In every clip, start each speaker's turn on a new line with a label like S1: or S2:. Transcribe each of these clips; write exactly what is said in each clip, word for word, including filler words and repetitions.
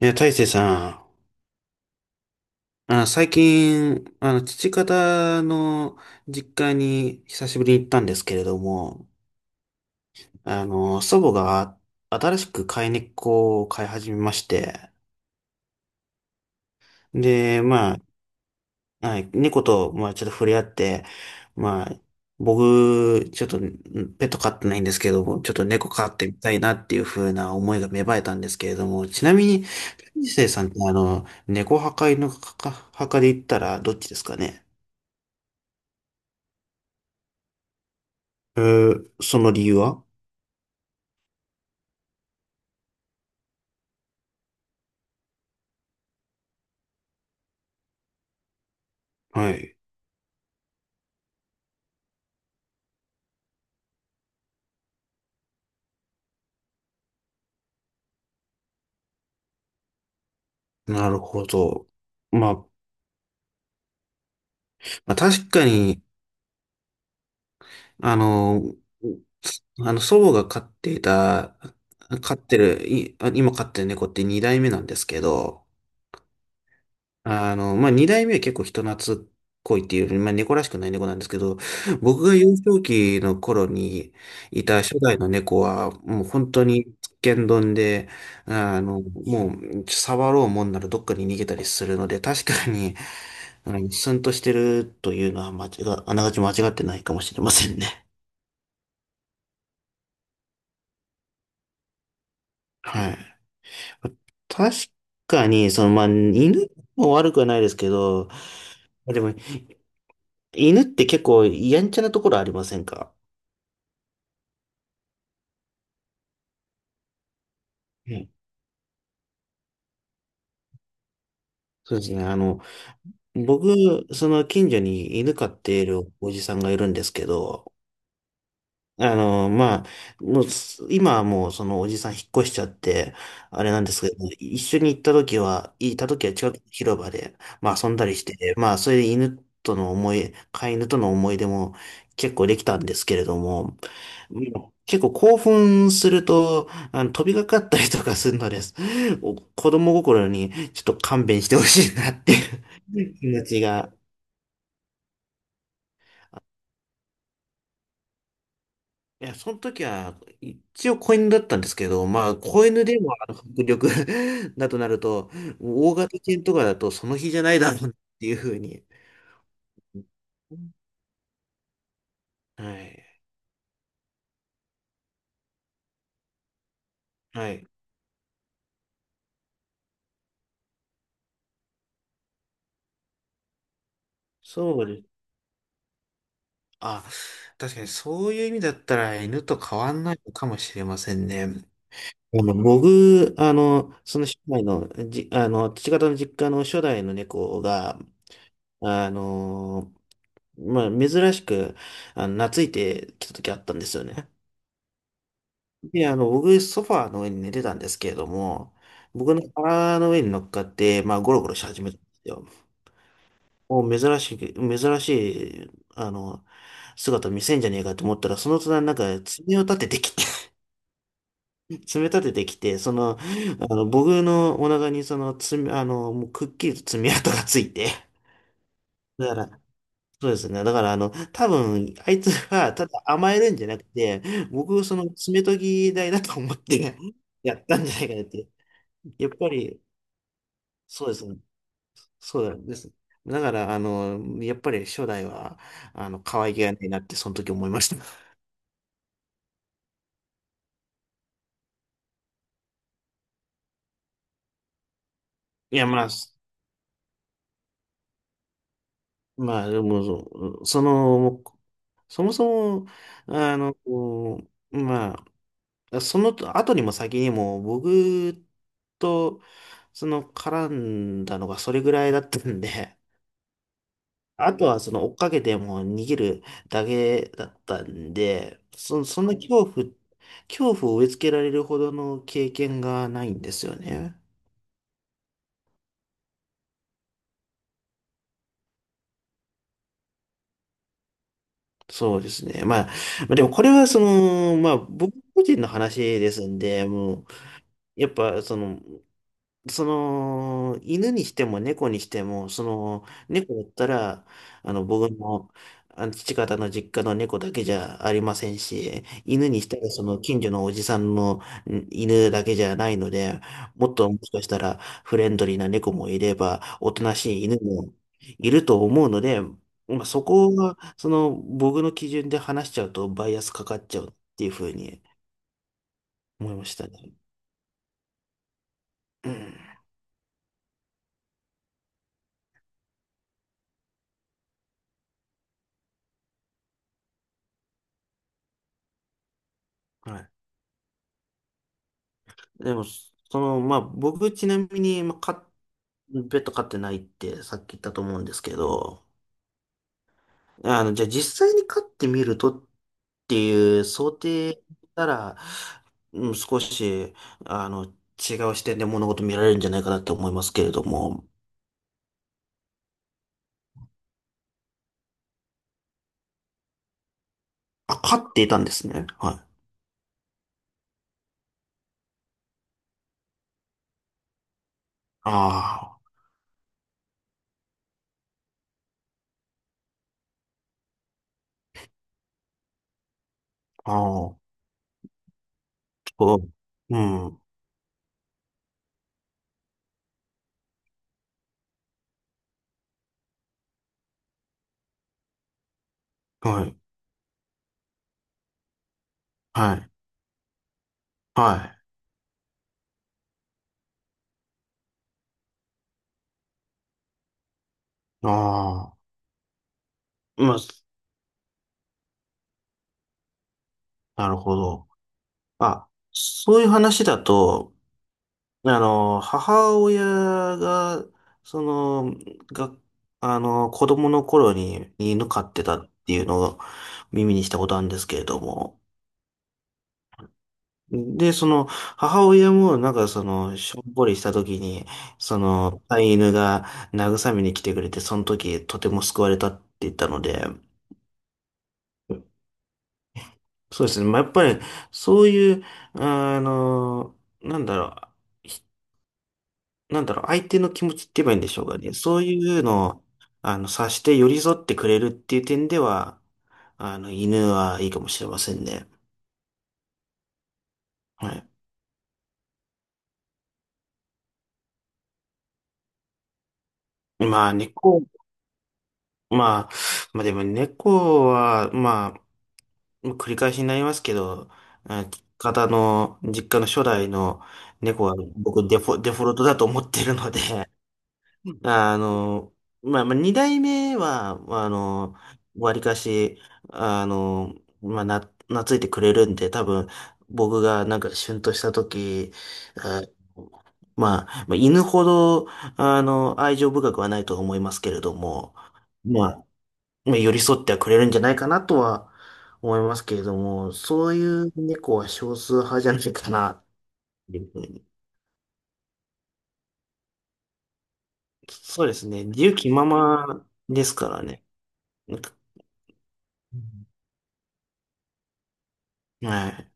S1: いや、大成さん、あ、最近、あの、父方の実家に久しぶりに行ったんですけれども、あの、祖母が新しく飼い猫を飼い始めまして、で、まあ、はい、猫と、まあ、ちょっと触れ合って、まあ、僕、ちょっと、んペット飼ってないんですけども、ちょっと猫飼ってみたいなっていう風な思いが芽生えたんですけれども、ちなみに、大成さんって、あの、猫派か犬派か派かで言ったらどっちですかね？えーその理由は？はい。なるほど。まあ、まあ、確かに、あの、あの、祖母が飼っていた、飼ってる、い、あ今飼ってる猫って二代目なんですけど、あの、まあ、二代目は結構人懐っこいっていうより、まあ、猫らしくない猫なんですけど、僕が幼少期の頃にいた初代の猫は、もう本当につンドンで、あの、もう触ろうもんならどっかに逃げたりするので、確かに、うん、スンとしてるというのは間違、あながち間違ってないかもしれませんね。はい。確かに、その、まあ、犬も悪くはないですけど、でも、犬って結構やんちゃなところありませんか？はい。そうですね。あの、僕、その近所に犬飼っているおじさんがいるんですけど、あの、まあ、もうす、今はもうそのおじさん引っ越しちゃって、あれなんですけど、一緒に行った時は、行った時は近くの広場で、まあ遊んだりして、まあそれで犬との思い、飼い犬との思い出も結構できたんですけれども、もう結構興奮すると、あの、飛びかかったりとかするのです。お子供心にちょっと勘弁してほしいなっていう気持ちが。いや、その時は、一応子犬だったんですけど、まあ、子犬でもあの迫力 だとなると、大型犬とかだとその日じゃないだろうっていうふうに。はい。はい。そうです。あ、確かにそういう意味だったら犬と変わんないのかもしれませんね。あの、僕、あの、その初代の、じ、あの、父方の実家の初代の猫が、あの、まあ、珍しく、あの、懐いてきた時あったんですよね。で、あの、僕、ソファーの上に寝てたんですけれども、僕の腹の上に乗っかって、まあ、ゴロゴロし始めたんですよ。もう、珍しい、珍しい、あの、姿見せんじゃねえかと思ったら、その隣なんか、爪を立ててきて、爪立ててきて、その、あの、僕のお腹に、その、爪、あの、もう、くっきりと爪痕がついて、だから、そうですね。だから、あの、多分、あいつは、ただ甘えるんじゃなくて、僕、その、爪研ぎ台だと思って やったんじゃないかなって。やっぱり、そうですね。そうです。だから、あの、やっぱり初代は、あの、可愛げがないなって、その時思いました。いや、まあ、すまあ、でも、そその、そもそも、あの、こうまあ、その後にも先にも僕とその絡んだのがそれぐらいだったんで、あとはその追っかけてもう逃げるだけだったんで、そ、そんな恐怖、恐怖を植え付けられるほどの経験がないんですよね。そうですね。まあ、まあでもこれはその、まあ僕個人の話ですんで、もう、やっぱその、その、犬にしても猫にしても、その、猫だったら、あの、僕の、あの、父方の実家の猫だけじゃありませんし、犬にしたら、その、近所のおじさんのん犬だけじゃないので、もっともしかしたら、フレンドリーな猫もいれば、おとなしい犬もいると思うので、まあ、そこが、その、僕の基準で話しちゃうと、バイアスかかっちゃうっていうふうに思いましたね。うん。はい。でも、その、まあ、僕ちなみに、まあ、か、ペット飼ってないってさっき言ったと思うんですけど、あの、じゃあ実際に飼ってみるとっていう想定なら、うん、少し、あの、違う視点で物事見られるんじゃないかなって思いますけれども、あ、飼っていたんですね。はい。ああ、ああ、そう。うん。はい。はい。はい。ああ、まあ、なるほど。あ、そういう話だと、あの、母親が、その、が、あの、子供の頃に犬飼ってたっていうのを耳にしたことあるんですけれども。で、その、母親もなんかその、しょんぼりした時に、その、飼い犬が慰めに来てくれて、その時とても救われたって言ったので、そうですね。まあ、やっぱり、そういう、あの、なんだろう。なんだろう、相手の気持ちって言えばいいんでしょうかね。そういうのを、あの、察して寄り添ってくれるっていう点では、あの、犬はいいかもしれませんね。はい。まあ、猫、まあ、まあでも猫は、まあ、繰り返しになりますけど、あ方の、実家の初代の猫は僕デフォ、デフォルトだと思ってるので、あの、まあ、まあ、二代目は、まあの、わりかし、あの、まあ、な、懐いてくれるんで、多分、僕がなんか、旬とした時、あまあ、まあ、犬ほど、あの、愛情深くはないとは思いますけれども、まあ、まあ寄り添ってはくれるんじゃないかなとは思いますけれども、そういう猫は少数派じゃないかな、っていうふうに。そうですね。自由気ままですからね。はい。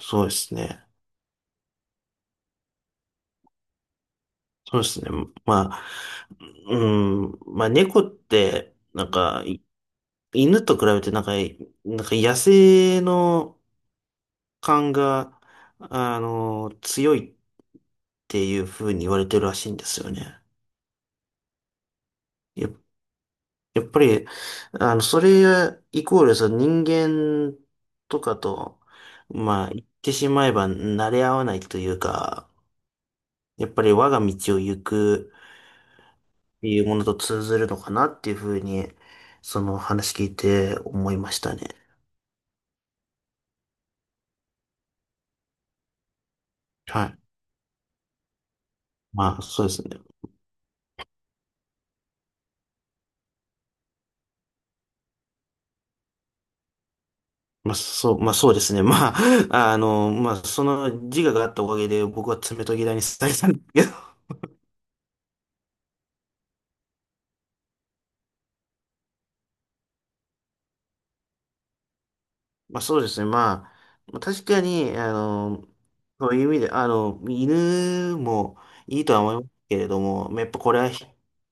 S1: そうですね。そうですね。まあ、うん、まあ猫って、なんか、い犬と比べてなんか、なんか野生の感が、あの、強いっていう風に言われてるらしいんですよね。や、やっぱり、あの、それイコール、その人間とかと、まあ、言ってしまえば慣れ合わないというか、やっぱり我が道を行く、いうものと通ずるのかなっていうふうに、その話聞いて思いましたね。はい。まあ、そうですね。まあ、そう、まあ、そうですね。まあ、あの、まあ、その自我があったおかげで僕は爪とぎ台にされたんですけど。まあ、そうですね。まあ、まあ確かに、あの、そういう意味で、あの、犬もいいとは思いますけれども、まあやっぱこれはひ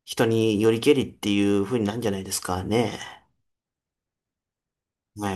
S1: 人によりけりっていうふうになるんじゃないですかね。はい。